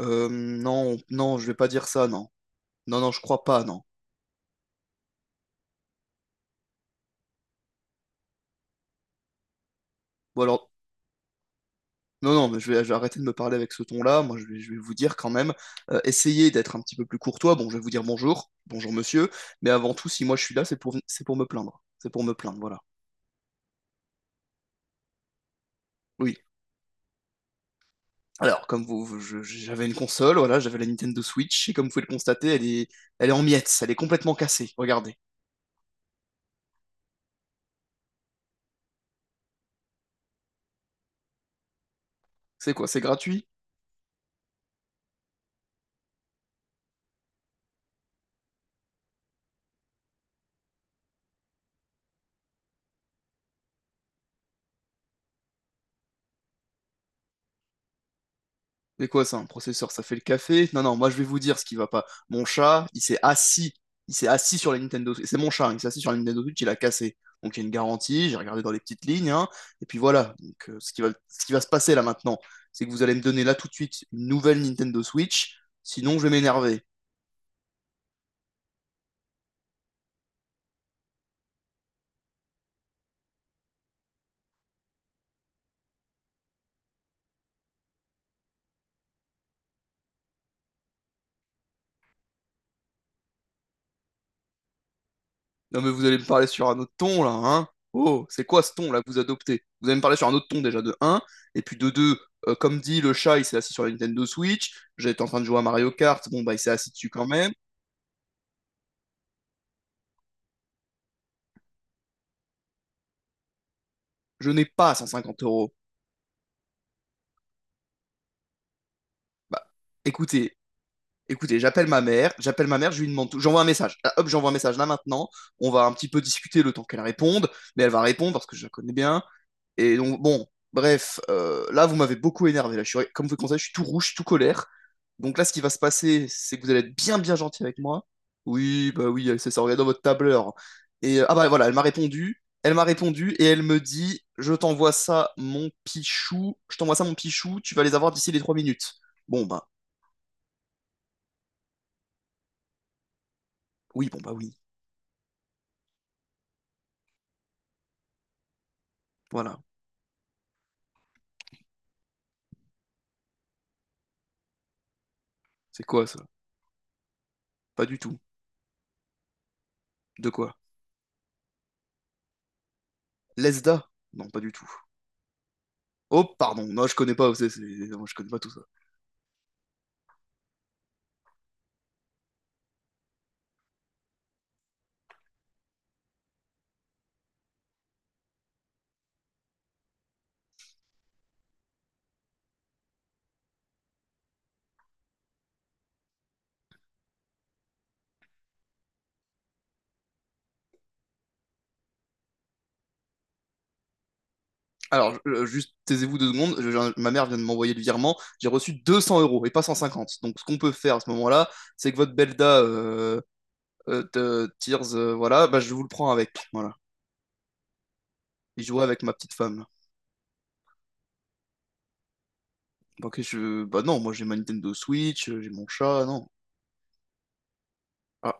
Non, non, je vais pas dire ça, non. Non, non, je crois pas, non. Ou alors, non, non, mais je vais arrêter de me parler avec ce ton-là. Moi, je vais vous dire quand même, essayez d'être un petit peu plus courtois. Bon, je vais vous dire bonjour, bonjour monsieur, mais avant tout, si moi je suis là, c'est pour me plaindre. C'est pour me plaindre, voilà. Oui. Alors, comme j'avais une console, voilà, j'avais la Nintendo Switch, et comme vous pouvez le constater, elle est en miettes, elle est complètement cassée. Regardez. C'est quoi, c'est gratuit? C'est quoi ça, un processeur? Ça fait le café? Non, non, moi je vais vous dire ce qui va pas. Mon chat, il s'est assis. Il s'est assis sur la Nintendo Switch. C'est mon chat, hein, il s'est assis sur la Nintendo Switch, il a cassé. Donc il y a une garantie, j'ai regardé dans les petites lignes, hein, et puis voilà. Donc ce qui va se passer là maintenant, c'est que vous allez me donner là tout de suite une nouvelle Nintendo Switch, sinon je vais m'énerver. Non mais vous allez me parler sur un autre ton là, hein? Oh, c'est quoi ce ton là que vous adoptez? Vous allez me parler sur un autre ton déjà de un. Et puis de 2. Comme dit le chat, il s'est assis sur la Nintendo Switch, j'étais en train de jouer à Mario Kart, bon bah il s'est assis dessus quand même. Je n'ai pas 150 euros. Bah, écoutez, écoutez, j'appelle ma mère, je lui demande tout, j'envoie un message. Là, hop, j'envoie un message là maintenant. On va un petit peu discuter le temps qu'elle réponde, mais elle va répondre parce que je la connais bien. Et donc, bon, bref, là, vous m'avez beaucoup énervé. Là, je suis, comme vous le constatez, je suis tout rouge, tout colère. Donc là, ce qui va se passer, c'est que vous allez être bien, bien gentil avec moi. Oui, bah oui, elle sait ça, regardez dans votre tableur. Et ah bah voilà, elle m'a répondu. Elle m'a répondu et elle me dit, je t'envoie ça, mon pichou. Je t'envoie ça, mon pichou. Tu vas les avoir d'ici les 3 minutes. Bon bah oui, bon bah oui. Voilà. C'est quoi ça? Pas du tout. De quoi? Lesda? Non, pas du tout. Oh, pardon. Non, je connais pas. Non, je connais pas tout ça. Alors, juste taisez-vous deux secondes. Ma mère vient de m'envoyer le virement. J'ai reçu 200 euros et pas 150. Donc, ce qu'on peut faire à ce moment-là, c'est que votre Belda de Tears, voilà, bah, je vous le prends avec. Voilà. Et je vois avec ma petite femme. Ok, je... Bah non, moi j'ai ma Nintendo Switch, j'ai mon chat, non. Ah,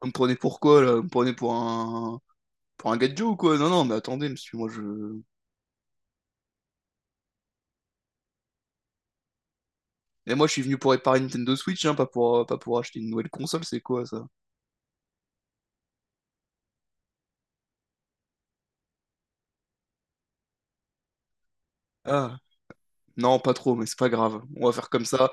vous me prenez pour quoi, là? Vous me prenez pour un... Pour un gadget ou quoi? Non, non, mais attendez, monsieur, moi je... Et moi, je suis venu pour réparer une Nintendo Switch, hein, pas pour acheter une nouvelle console, c'est quoi, ça? Ah, non, pas trop, mais c'est pas grave. On va faire comme ça.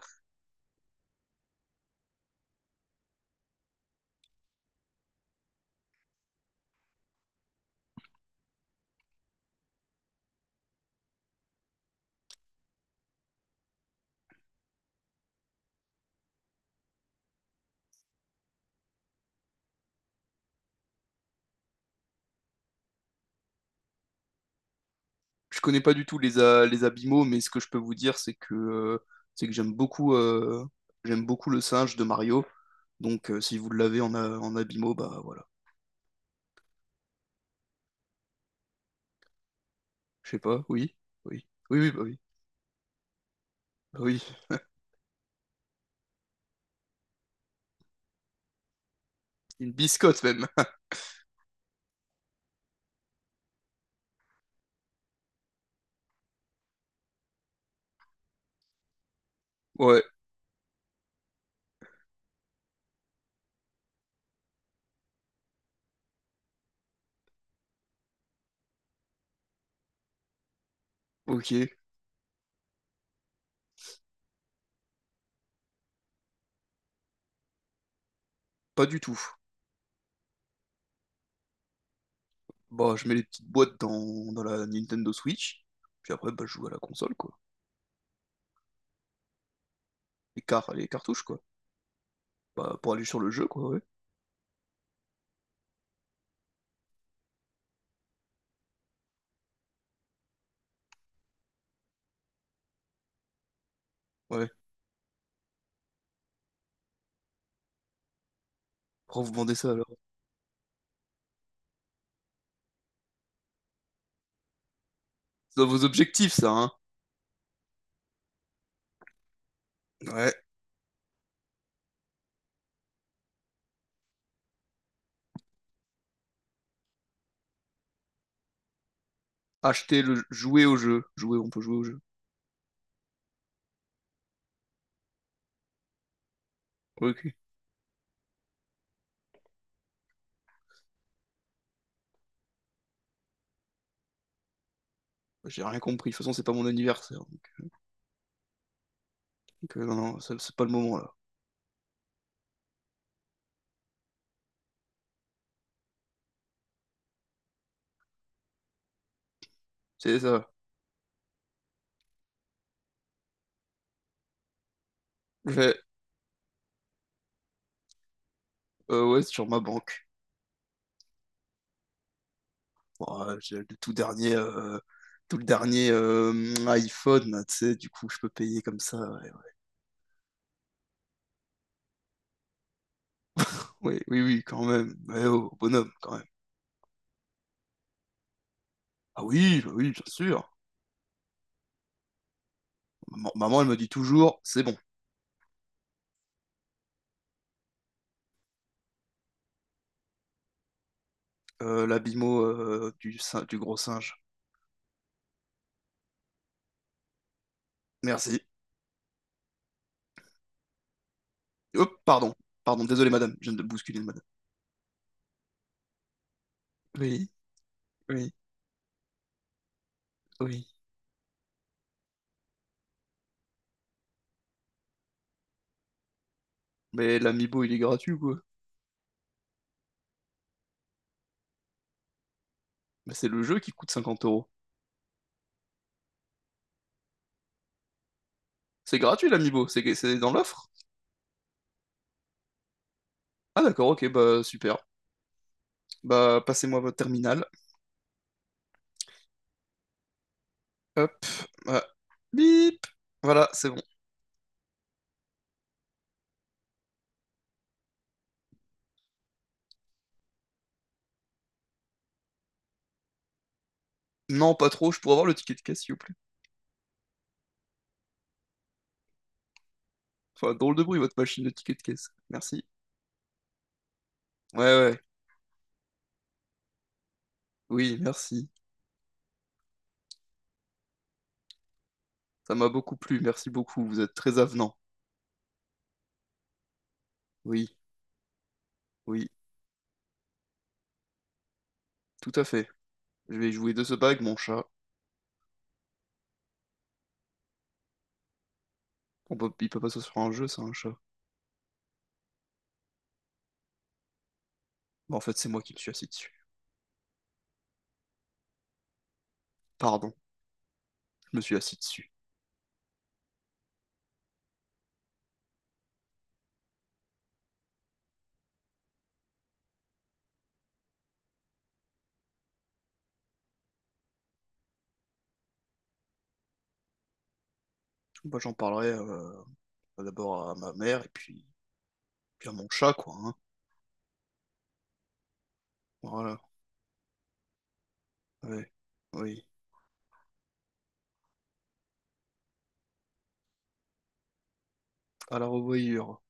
Je connais pas du tout les, les abîmaux, mais ce que je peux vous dire, c'est que j'aime beaucoup le singe de Mario. Donc, si vous l'avez en, en abîmaux, bah voilà. Je sais pas, oui, oui, oui, oui, bah oui, bah oui. Une biscotte même. Ouais, ok, pas du tout. Bah, je mets les petites boîtes dans la Nintendo Switch, puis après, bah, je joue à la console, quoi. Les cartouches, quoi. Bah, pour aller sur le jeu, quoi, ouais. Ouais. Pourquoi vous vendez ça alors? C'est dans vos objectifs, ça, hein? Ouais. Acheter le jouer au jeu. Jouer, on peut jouer au jeu. Ok. J'ai rien compris. De toute façon, c'est pas mon anniversaire. Donc, non, non, c'est pas le moment là. C'est ça. Je fais, ouais, c'est sur ma banque. Ouais, j'ai le tout dernier, tout le dernier iPhone, là, tu sais, du coup, je peux payer comme ça. Ouais, ouais. Oui, oui, oui, quand même. Ouais, oh, bonhomme, quand même. Ah oui, bah oui, bien sûr. Maman, maman, elle me dit toujours, c'est bon. La bimo du, du gros singe. Merci. Hop, pardon. Pardon, désolé, madame. Je viens de bousculer, madame. Oui, oui, oui. Mais l'amiibo, il est gratuit, ou quoi. Bah, c'est le jeu qui coûte 50 euros. C'est gratuit l'Amiibo, c'est dans l'offre. Ah d'accord, ok, bah super. Bah passez-moi votre terminal. Hop, voilà. Bip. Voilà, c'est bon. Non, pas trop, je pourrais avoir le ticket de caisse, s'il vous plaît. Enfin, drôle de bruit, votre machine de ticket de caisse. Merci. Ouais, ouais, oui, merci. Ça m'a beaucoup plu, merci beaucoup, vous êtes très avenant. Oui, oui, tout à fait. Je vais jouer de ce bague, mon chat. On peut, il peut pas sur un jeu, c'est un chat. Bah, en fait, c'est moi qui me suis assis dessus. Pardon, je me suis assis dessus. Bah, j'en parlerai d'abord à ma mère, et puis puis à mon chat, quoi, hein. Voilà. Ouais. Oui. À la revoyure.